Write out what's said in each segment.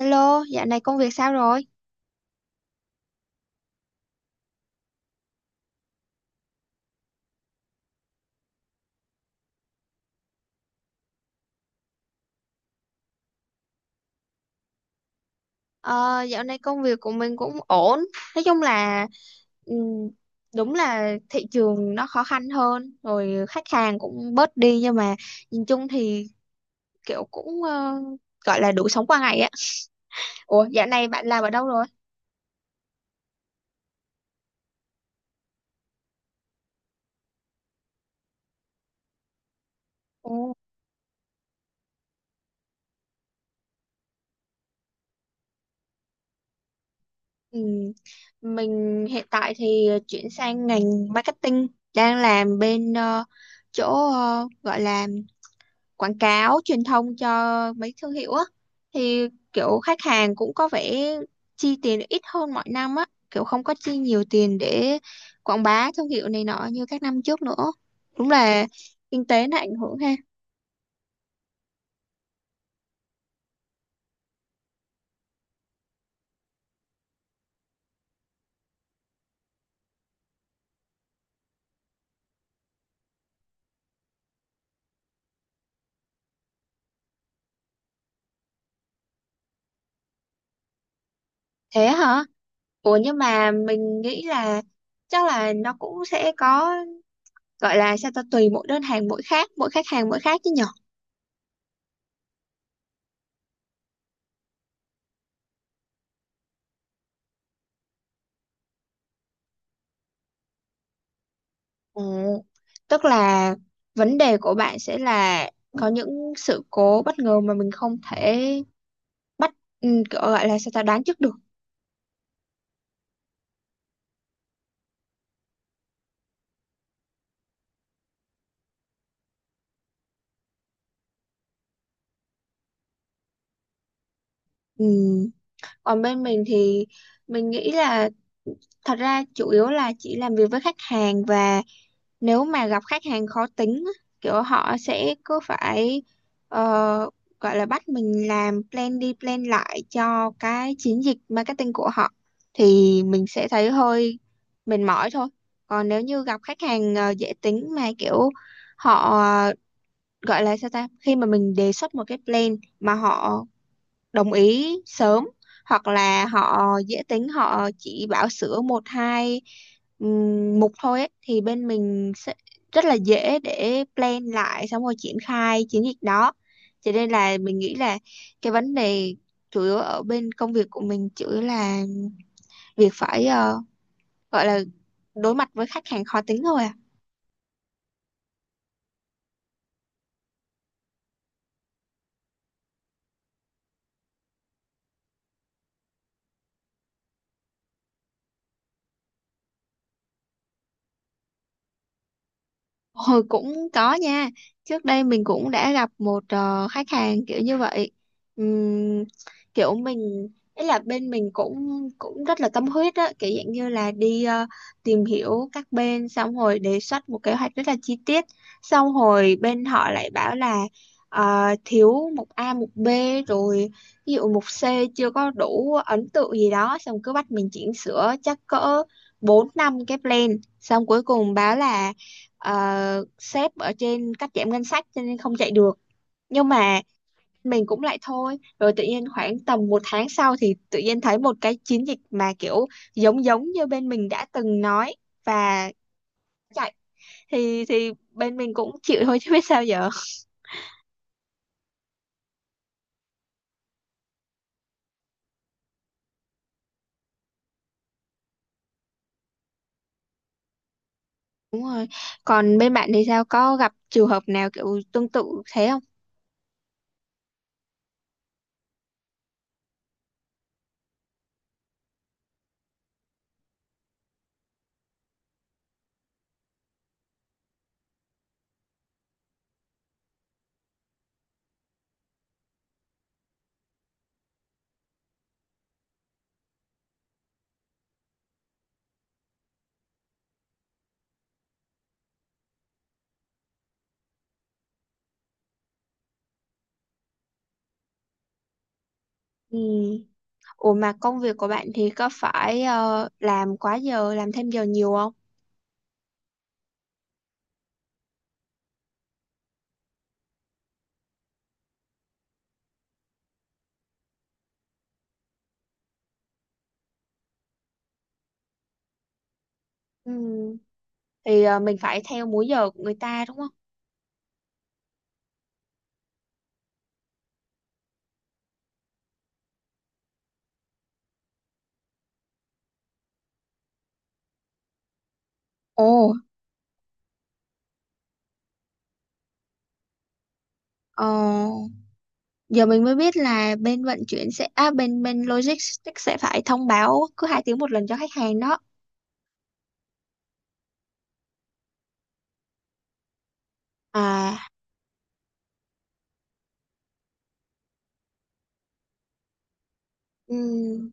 Hello, dạo này công việc sao rồi? Ờ, dạo này công việc của mình cũng ổn. Nói chung là ừm, đúng là thị trường nó khó khăn hơn, rồi khách hàng cũng bớt đi, nhưng mà nhìn chung thì kiểu cũng gọi là đủ sống qua ngày á. Ủa, dạo này bạn làm ở đâu rồi? Ồ, ừm, mình hiện tại thì chuyển sang ngành marketing, đang làm bên chỗ gọi là quảng cáo truyền thông cho mấy thương hiệu á, thì kiểu khách hàng cũng có vẻ chi tiền ít hơn mọi năm á, kiểu không có chi nhiều tiền để quảng bá thương hiệu này nọ như các năm trước nữa. Đúng là kinh tế nó ảnh hưởng ha. Thế hả? Ủa, nhưng mà mình nghĩ là chắc là nó cũng sẽ có, gọi là sao ta, tùy mỗi đơn hàng mỗi khác, mỗi khách hàng mỗi khác chứ nhở. Ừ. Tức là vấn đề của bạn sẽ là có những sự cố bất ngờ mà mình không thể bắt, kiểu gọi là sao ta, đoán trước được. Ừ. Còn bên mình thì mình nghĩ là thật ra chủ yếu là chỉ làm việc với khách hàng, và nếu mà gặp khách hàng khó tính á, kiểu họ sẽ cứ phải ờ, gọi là bắt mình làm plan đi plan lại cho cái chiến dịch marketing của họ, thì mình sẽ thấy hơi mệt mỏi thôi. Còn nếu như gặp khách hàng dễ tính mà kiểu họ, gọi là sao ta, khi mà mình đề xuất một cái plan mà họ đồng ý sớm, hoặc là họ dễ tính họ chỉ bảo sửa một hai mục thôi ấy, thì bên mình sẽ rất là dễ để plan lại xong rồi triển khai chiến dịch đó. Cho nên là mình nghĩ là cái vấn đề chủ yếu ở bên công việc của mình, chủ yếu là việc phải gọi là đối mặt với khách hàng khó tính thôi à. Hồi cũng có nha. Trước đây mình cũng đã gặp một khách hàng kiểu như vậy. Ừm, kiểu mình, ý là bên mình cũng cũng rất là tâm huyết á, kiểu dạng như là đi tìm hiểu các bên xong hồi đề xuất một kế hoạch rất là chi tiết. Xong hồi bên họ lại bảo là thiếu mục A, mục B, rồi ví dụ mục C chưa có đủ ấn tượng gì đó, xong cứ bắt mình chỉnh sửa chắc cỡ 4 năm cái plan, xong cuối cùng báo là sếp ở trên cắt giảm ngân sách cho nên không chạy được. Nhưng mà mình cũng lại thôi, rồi tự nhiên khoảng tầm một tháng sau thì tự nhiên thấy một cái chiến dịch mà kiểu giống giống như bên mình đã từng nói và chạy, thì bên mình cũng chịu thôi chứ biết sao giờ. Đúng rồi. Còn bên bạn thì sao, có gặp trường hợp nào kiểu tương tự thế không? Ừ. Ủa, mà công việc của bạn thì có phải làm quá giờ, làm thêm giờ nhiều không? Ừ. Thì mình phải theo múi giờ của người ta, đúng không? Ồ, ờ, giờ mình mới biết là bên vận chuyển sẽ à, bên bên logistics sẽ phải thông báo cứ hai tiếng một lần cho khách hàng đó. À, ừm,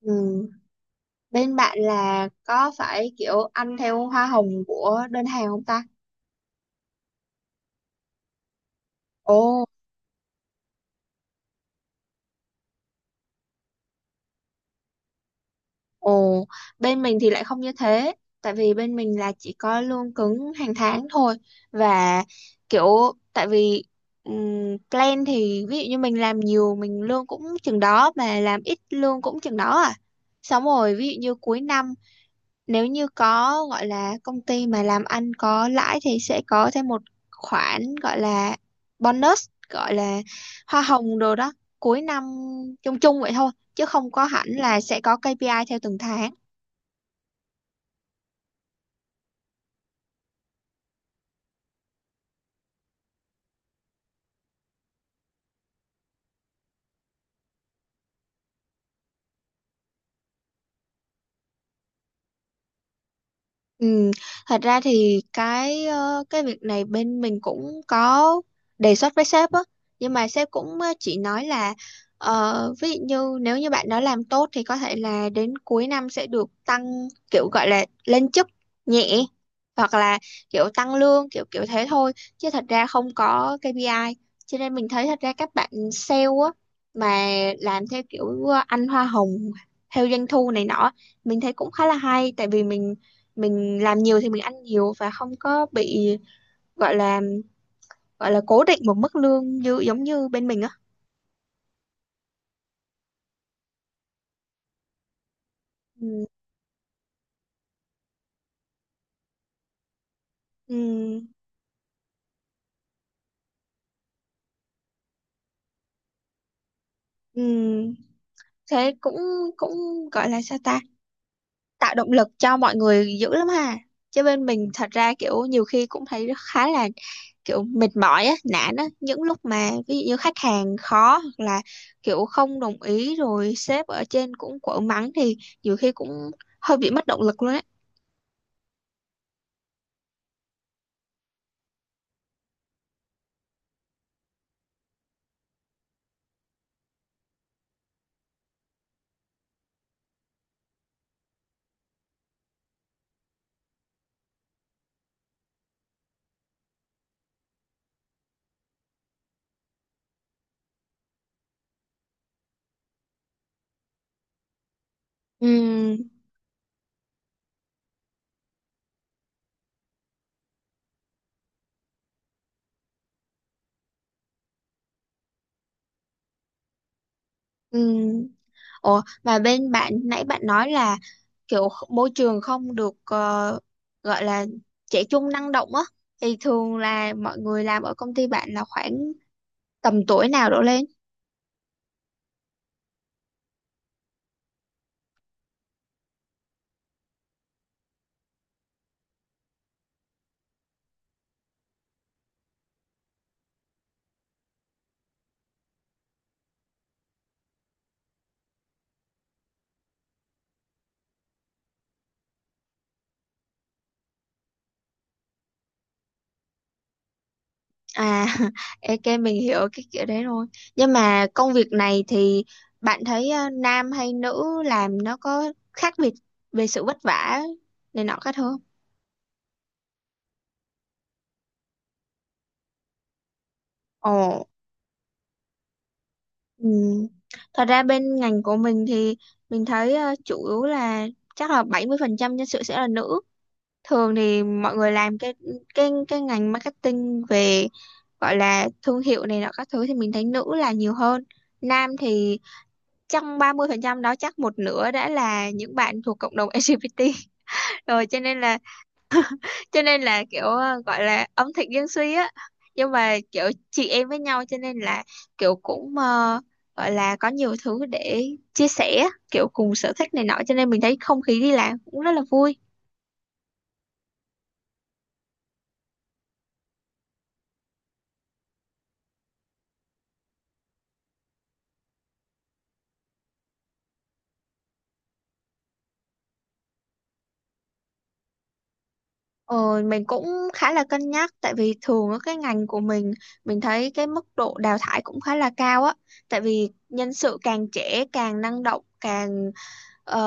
ừm. Bên bạn là có phải kiểu ăn theo hoa hồng của đơn hàng không ta? Ồ. Ồ, bên mình thì lại không như thế, tại vì bên mình là chỉ có lương cứng hàng tháng thôi, và kiểu, tại vì plan thì ví dụ như mình làm nhiều mình lương cũng chừng đó, mà làm ít lương cũng chừng đó à. Xong rồi ví dụ như cuối năm, nếu như có, gọi là công ty mà làm ăn có lãi, thì sẽ có thêm một khoản gọi là bonus, gọi là hoa hồng đồ đó, cuối năm, chung chung vậy thôi chứ không có hẳn là sẽ có KPI theo từng tháng. Ừ, thật ra thì cái cái việc này bên mình cũng có đề xuất với sếp á, nhưng mà sếp cũng chỉ nói là ví dụ như nếu như bạn đó làm tốt thì có thể là đến cuối năm sẽ được tăng, kiểu gọi là lên chức nhẹ, hoặc là kiểu tăng lương, kiểu kiểu thế thôi, chứ thật ra không có KPI. Cho nên mình thấy thật ra các bạn sale á, mà làm theo kiểu ăn hoa hồng theo doanh thu này nọ, mình thấy cũng khá là hay, tại vì mình làm nhiều thì mình ăn nhiều, và không có bị, gọi là gọi là cố định một mức lương như giống như bên mình á. Ừ, ừ, ừ. Thế cũng cũng gọi là sao ta, tạo động lực cho mọi người dữ lắm ha. Chứ bên mình thật ra kiểu nhiều khi cũng thấy khá là kiểu mệt mỏi á, nản á, những lúc mà ví dụ như khách hàng khó, hoặc là kiểu không đồng ý, rồi sếp ở trên cũng quở mắng, thì nhiều khi cũng hơi bị mất động lực luôn á. Ừ, ừ. Ủa, mà bên bạn nãy bạn nói là kiểu môi trường không được gọi là trẻ trung năng động á, thì thường là mọi người làm ở công ty bạn là khoảng tầm tuổi nào đổ lên? À. Ok, mình hiểu cái kiểu đấy rồi. Nhưng mà công việc này thì bạn thấy nam hay nữ làm nó có khác biệt về sự vất vả này nọ khác không? Ồ. Ừ. Thật ra bên ngành của mình thì mình thấy chủ yếu là chắc là 70% nhân sự sẽ là nữ. Thường thì mọi người làm cái cái ngành marketing về gọi là thương hiệu này nọ các thứ thì mình thấy nữ là nhiều hơn. Nam thì trong 30% đó chắc một nửa đã là những bạn thuộc cộng đồng LGBT. Rồi cho nên là kiểu gọi là ẩm thực dân suy á, nhưng mà kiểu chị em với nhau, cho nên là kiểu cũng gọi là có nhiều thứ để chia sẻ, kiểu cùng sở thích này nọ, cho nên mình thấy không khí đi làm cũng rất là vui. Ờ, mình cũng khá là cân nhắc, tại vì thường ở cái ngành của mình thấy cái mức độ đào thải cũng khá là cao á, tại vì nhân sự càng trẻ càng năng động càng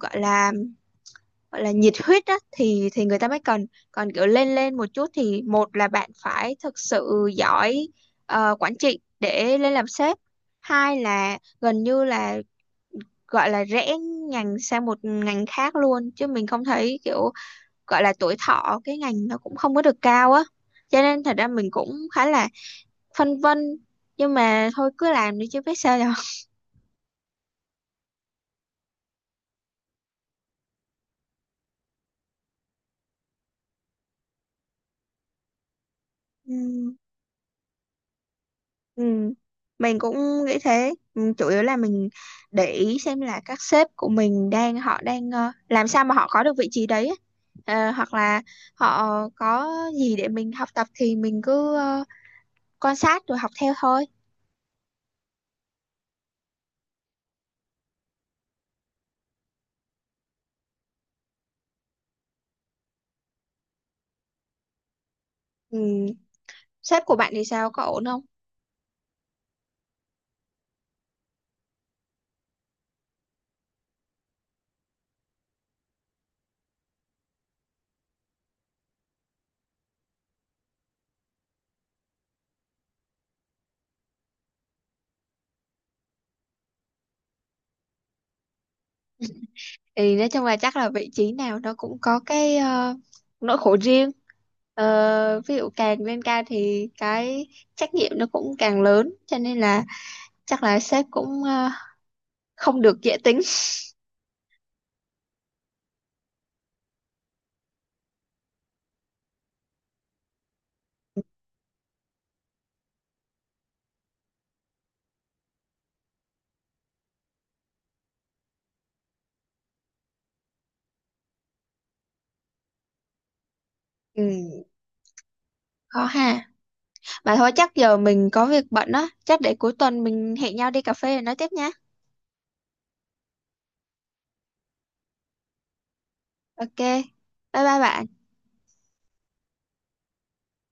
gọi là nhiệt huyết á, thì người ta mới cần. Còn kiểu lên lên một chút thì, một là bạn phải thực sự giỏi quản trị để lên làm sếp, hai là gần như là gọi là rẽ ngành sang một ngành khác luôn, chứ mình không thấy kiểu gọi là tuổi thọ cái ngành nó cũng không có được cao á. Cho nên thật ra mình cũng khá là phân vân, nhưng mà thôi cứ làm đi chứ biết sao giờ. Ừ. Mình cũng nghĩ thế. Ừ, chủ yếu là mình để ý xem là các sếp của mình đang, họ đang làm sao mà họ có được vị trí đấy ấy. Ờ, hoặc là họ có gì để mình học tập, thì mình cứ quan sát rồi học theo thôi. Ừ. Sếp của bạn thì sao, có ổn không? Thì nói chung là chắc là vị trí nào nó cũng có cái nỗi khổ riêng. Ờ, ví dụ càng lên cao thì cái trách nhiệm nó cũng càng lớn, cho nên là chắc là sếp cũng không được dễ tính. Ừ, khó ha. Mà thôi chắc giờ mình có việc bận á, chắc để cuối tuần mình hẹn nhau đi cà phê rồi nói tiếp nha. Ok. Bye bye bạn.